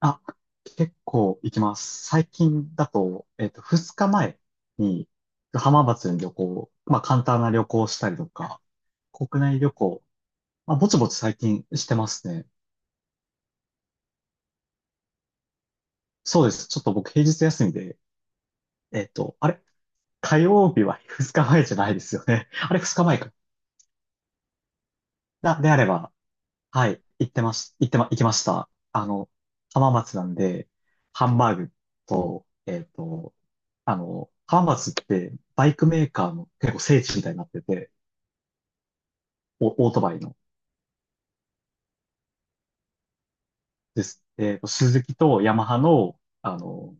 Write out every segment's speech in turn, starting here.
あ、結構行きます。最近だと、2日前に浜松に旅行、まあ簡単な旅行をしたりとか、国内旅行、まあぼちぼち最近してますね。そうです。ちょっと僕平日休みで、あれ、火曜日は2日前じゃないですよね。あれ、2日前か。であれば、はい、行ってまし、行ってま、行きました。浜松なんで、ハンバーグと、浜松ってバイクメーカーの結構聖地みたいになってて、オートバイの。です。スズキとヤマハの、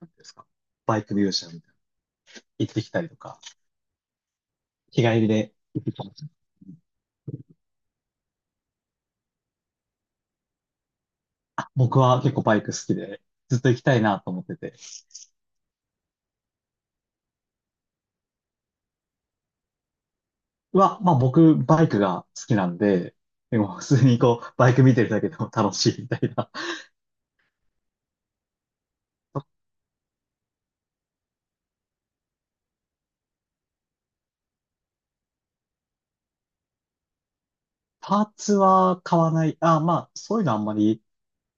なんていうんですか、バイクミュージアムみたいな行ってきたりとか、日帰りで行ってきました。あ、僕は結構バイク好きで、ずっと行きたいなと思ってて。まあ僕、バイクが好きなんで、でも普通にこう、バイク見てるだけでも楽しいみたいな。パーツは買わない。あ、まあ、そういうのあんまり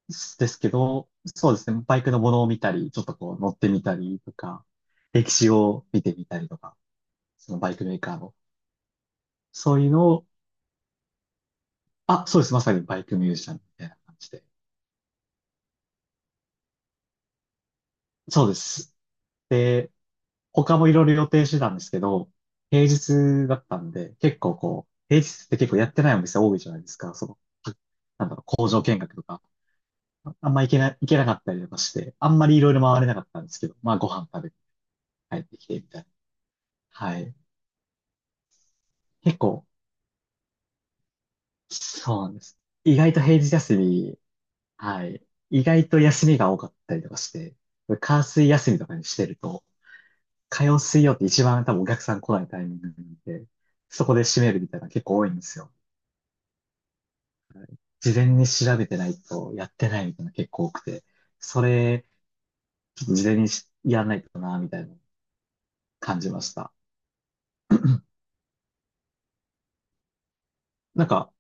ですけど、そうですね。バイクのものを見たり、ちょっとこう乗ってみたりとか、歴史を見てみたりとか、そのバイクメーカーの、そういうのを、あ、そうです。まさにバイクミュージシャンみたいな感じで。そうです。で、他もいろいろ予定してたんですけど、平日だったんで、結構こう、平日って結構やってないお店多いじゃないですか。その、なんだろう、工場見学とか。行けなかったりとかして、あんまりいろいろ回れなかったんですけど、まあご飯食べて帰ってきてみたいな。はい。結構そうなんです。意外と平日休み、はい。意外と休みが多かったりとかして、火水休みとかにしてると、火曜水曜って一番多分お客さん来ないタイミングなんで、そこで閉めるみたいなの結構多いんですよ。事前に調べてないとやってないみたいなの結構多くて、それ、ちょっと事前にしやらないとな、みたいなの感じました。なんか、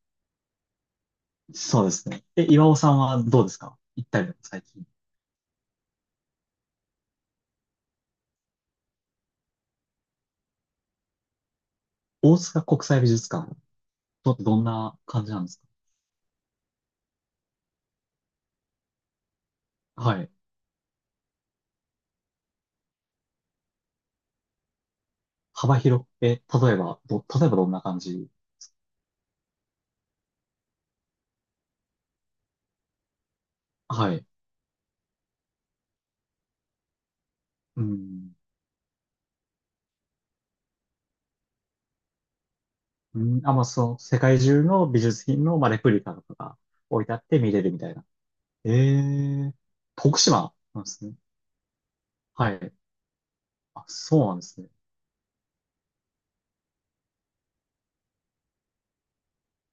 そうですね。岩尾さんはどうですか？行ったりとか最近。大塚国際美術館、どんな感じなんですか？はい。幅広く、例えばどんな感じ？はい。うん。うん、あ、まあ、その、世界中の美術品の、まあ、レプリカとかが置いてあって見れるみたいな。ええ、徳島なんですね。はい。あ、そうなんですね。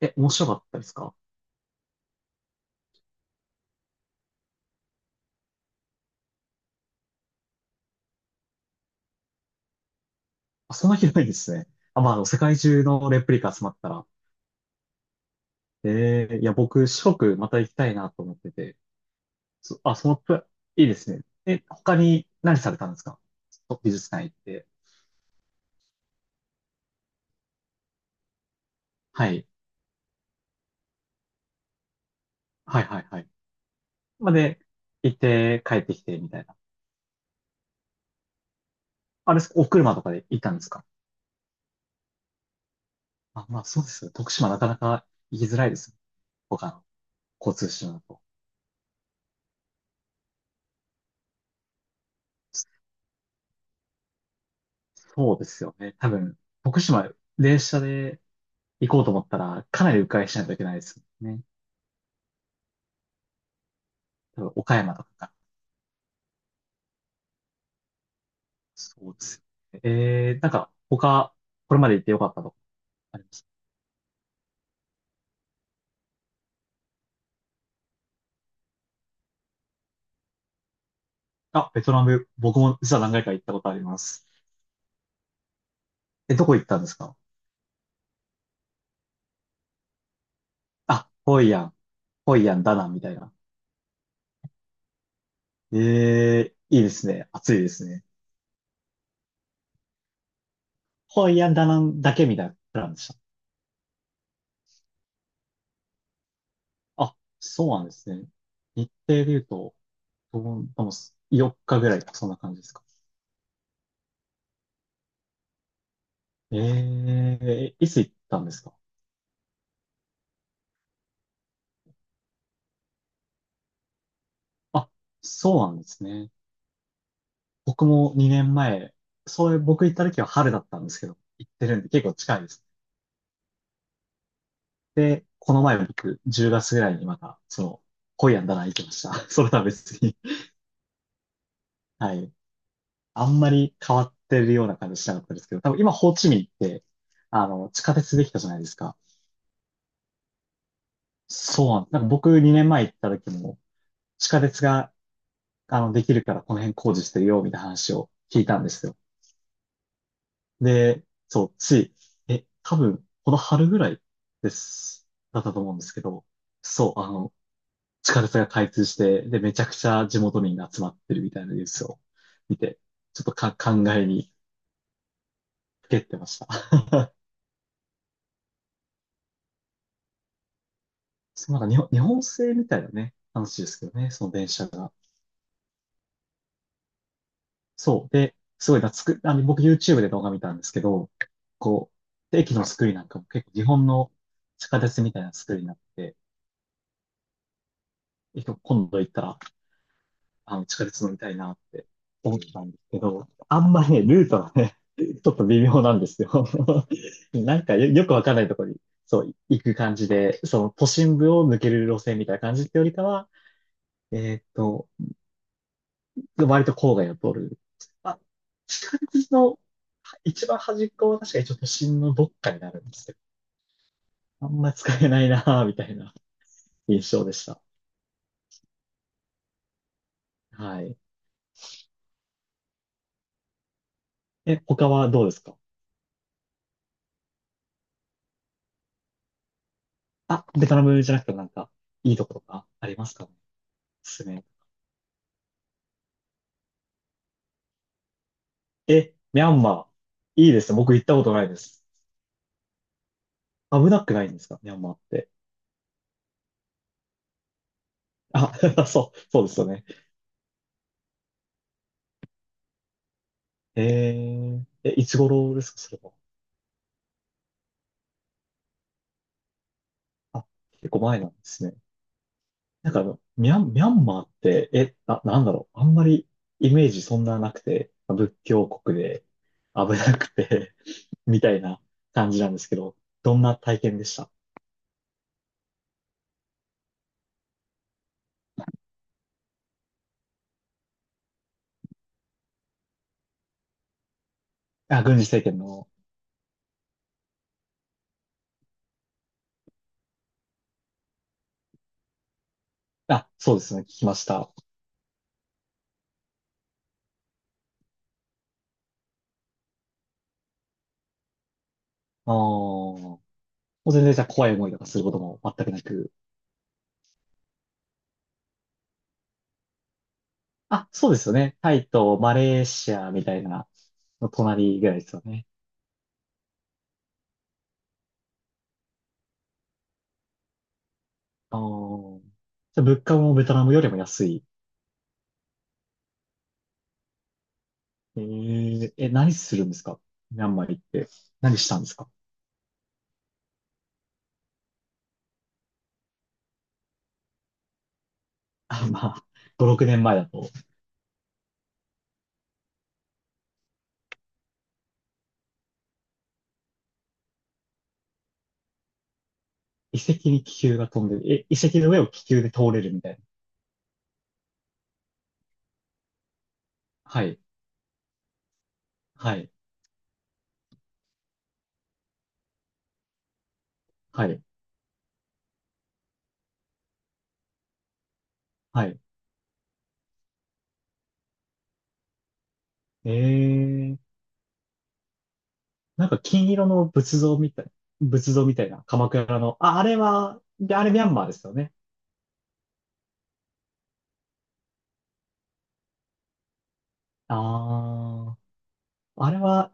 面白かったですか？あ、そんな広いんですね。あ、まあ、あの、世界中のレプリカ集まったら。ええ、いや、僕、四国また行きたいなと思ってて。そ、あ、そのプラ、いいですね。他に何されたんですか？美術館行って。はい。はいはいはい。まで、行って帰ってきて、みたいな。あれ、お車とかで行ったんですか？あ、まあそうですよね。徳島なかなか行きづらいですよ。他の交通手段だと。そうですよね。多分、徳島、電車で行こうと思ったら、かなり迂回しないといけないですよね。多分、岡山とかか。そうですよね。なんか、他、これまで行ってよかったとこあります？あ、ベトナム、僕も実は何回か行ったことあります。どこ行ったんですか？あ、ホイアン、ホイアン、ダナンみたいな。ええ、いいですね。暑いですね。ハワイアンダナンだけみたいなプランでした。あ、そうなんですね。日程で言うと、で4日ぐらいそんな感じですか。ええ、いつ行ったんですか？あ、そうなんですね。僕も2年前、そういう僕行った時は春だったんですけど、行ってるんで結構近いです。で、この前僕、10月ぐらいにまた、その、ホイアンダナン行きました。それとは別に。はい。あんまり変わってるような感じしなかったですけど、多分今、ホーチミンって、あの、地下鉄できたじゃないですか。そうなんです。なんか僕2年前行った時も、地下鉄が、あの、できるからこの辺工事してるよ、みたいな話を聞いたんですよ。で、そう、つい、え、多分、この春ぐらいだったと思うんですけど、そう、あの、地下鉄が開通して、で、めちゃくちゃ地元民が集まってるみたいなニュースを見て、ちょっと考えにふけってました。そう、なんか日本製みたいなね、話ですけどね、その電車が。そう。で、すごい懐く、あの、僕 YouTube で動画見たんですけど、こう、駅の作りなんかも結構日本の地下鉄みたいな作りになって、結構今度行ったら、あの、地下鉄乗りたいなって思ったんですけど、あんまりね、ルートがね、ちょっと微妙なんですよ。なんかよくわかんないところに、そう、行く感じで、その都心部を抜ける路線みたいな感じってよりかは、えーっと、割と郊外を通る。あ、近くの一番端っこは確かにちょっと新のどっかになるんですけど、あんま使えないなぁ、みたいな印象でした。はい。他はどうですか？あ、ベトナムじゃなくてなんか、いいとことかありますかね？おすすめ。え、ミャンマー。いいですね。僕行ったことないです。危なくないんですか？ミャンマーって。あ、そうですよね。いつ頃ですかそれは。あ、結構前なんですね。なんかあの、ミャンマーって、なんだろう。あんまりイメージそんななくて、仏教国で危なくて みたいな感じなんですけど、どんな体験でした？あ、軍事政権の、あ、そうですね、聞きました。ああ、もう全然じゃあ怖い思いとかすることも全くなく。あ、そうですよね。タイとマレーシアみたいなの隣ぐらいですよね。ああ、じゃあ物価もベトナムよりも安い。何するんですか？ミャンマー行って。何したんですか？あ、まあ、5、6年前だと、遺跡に気球が飛んでる。遺跡の上を気球で通れるみたいな。はい、はい、はい、はい。えー、なんか金色の仏像みたいな、鎌倉の、あ、あれは、であれミャンマーですよね。あー、あれは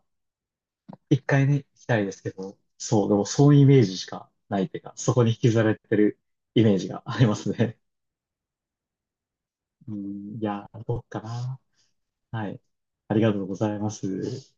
一回ね、行きたいですけど、そう、でもそういうイメージしかないっていうか、そこに引きずられてるイメージがありますね。うん、いや、どうかな。はい。ありがとうございます。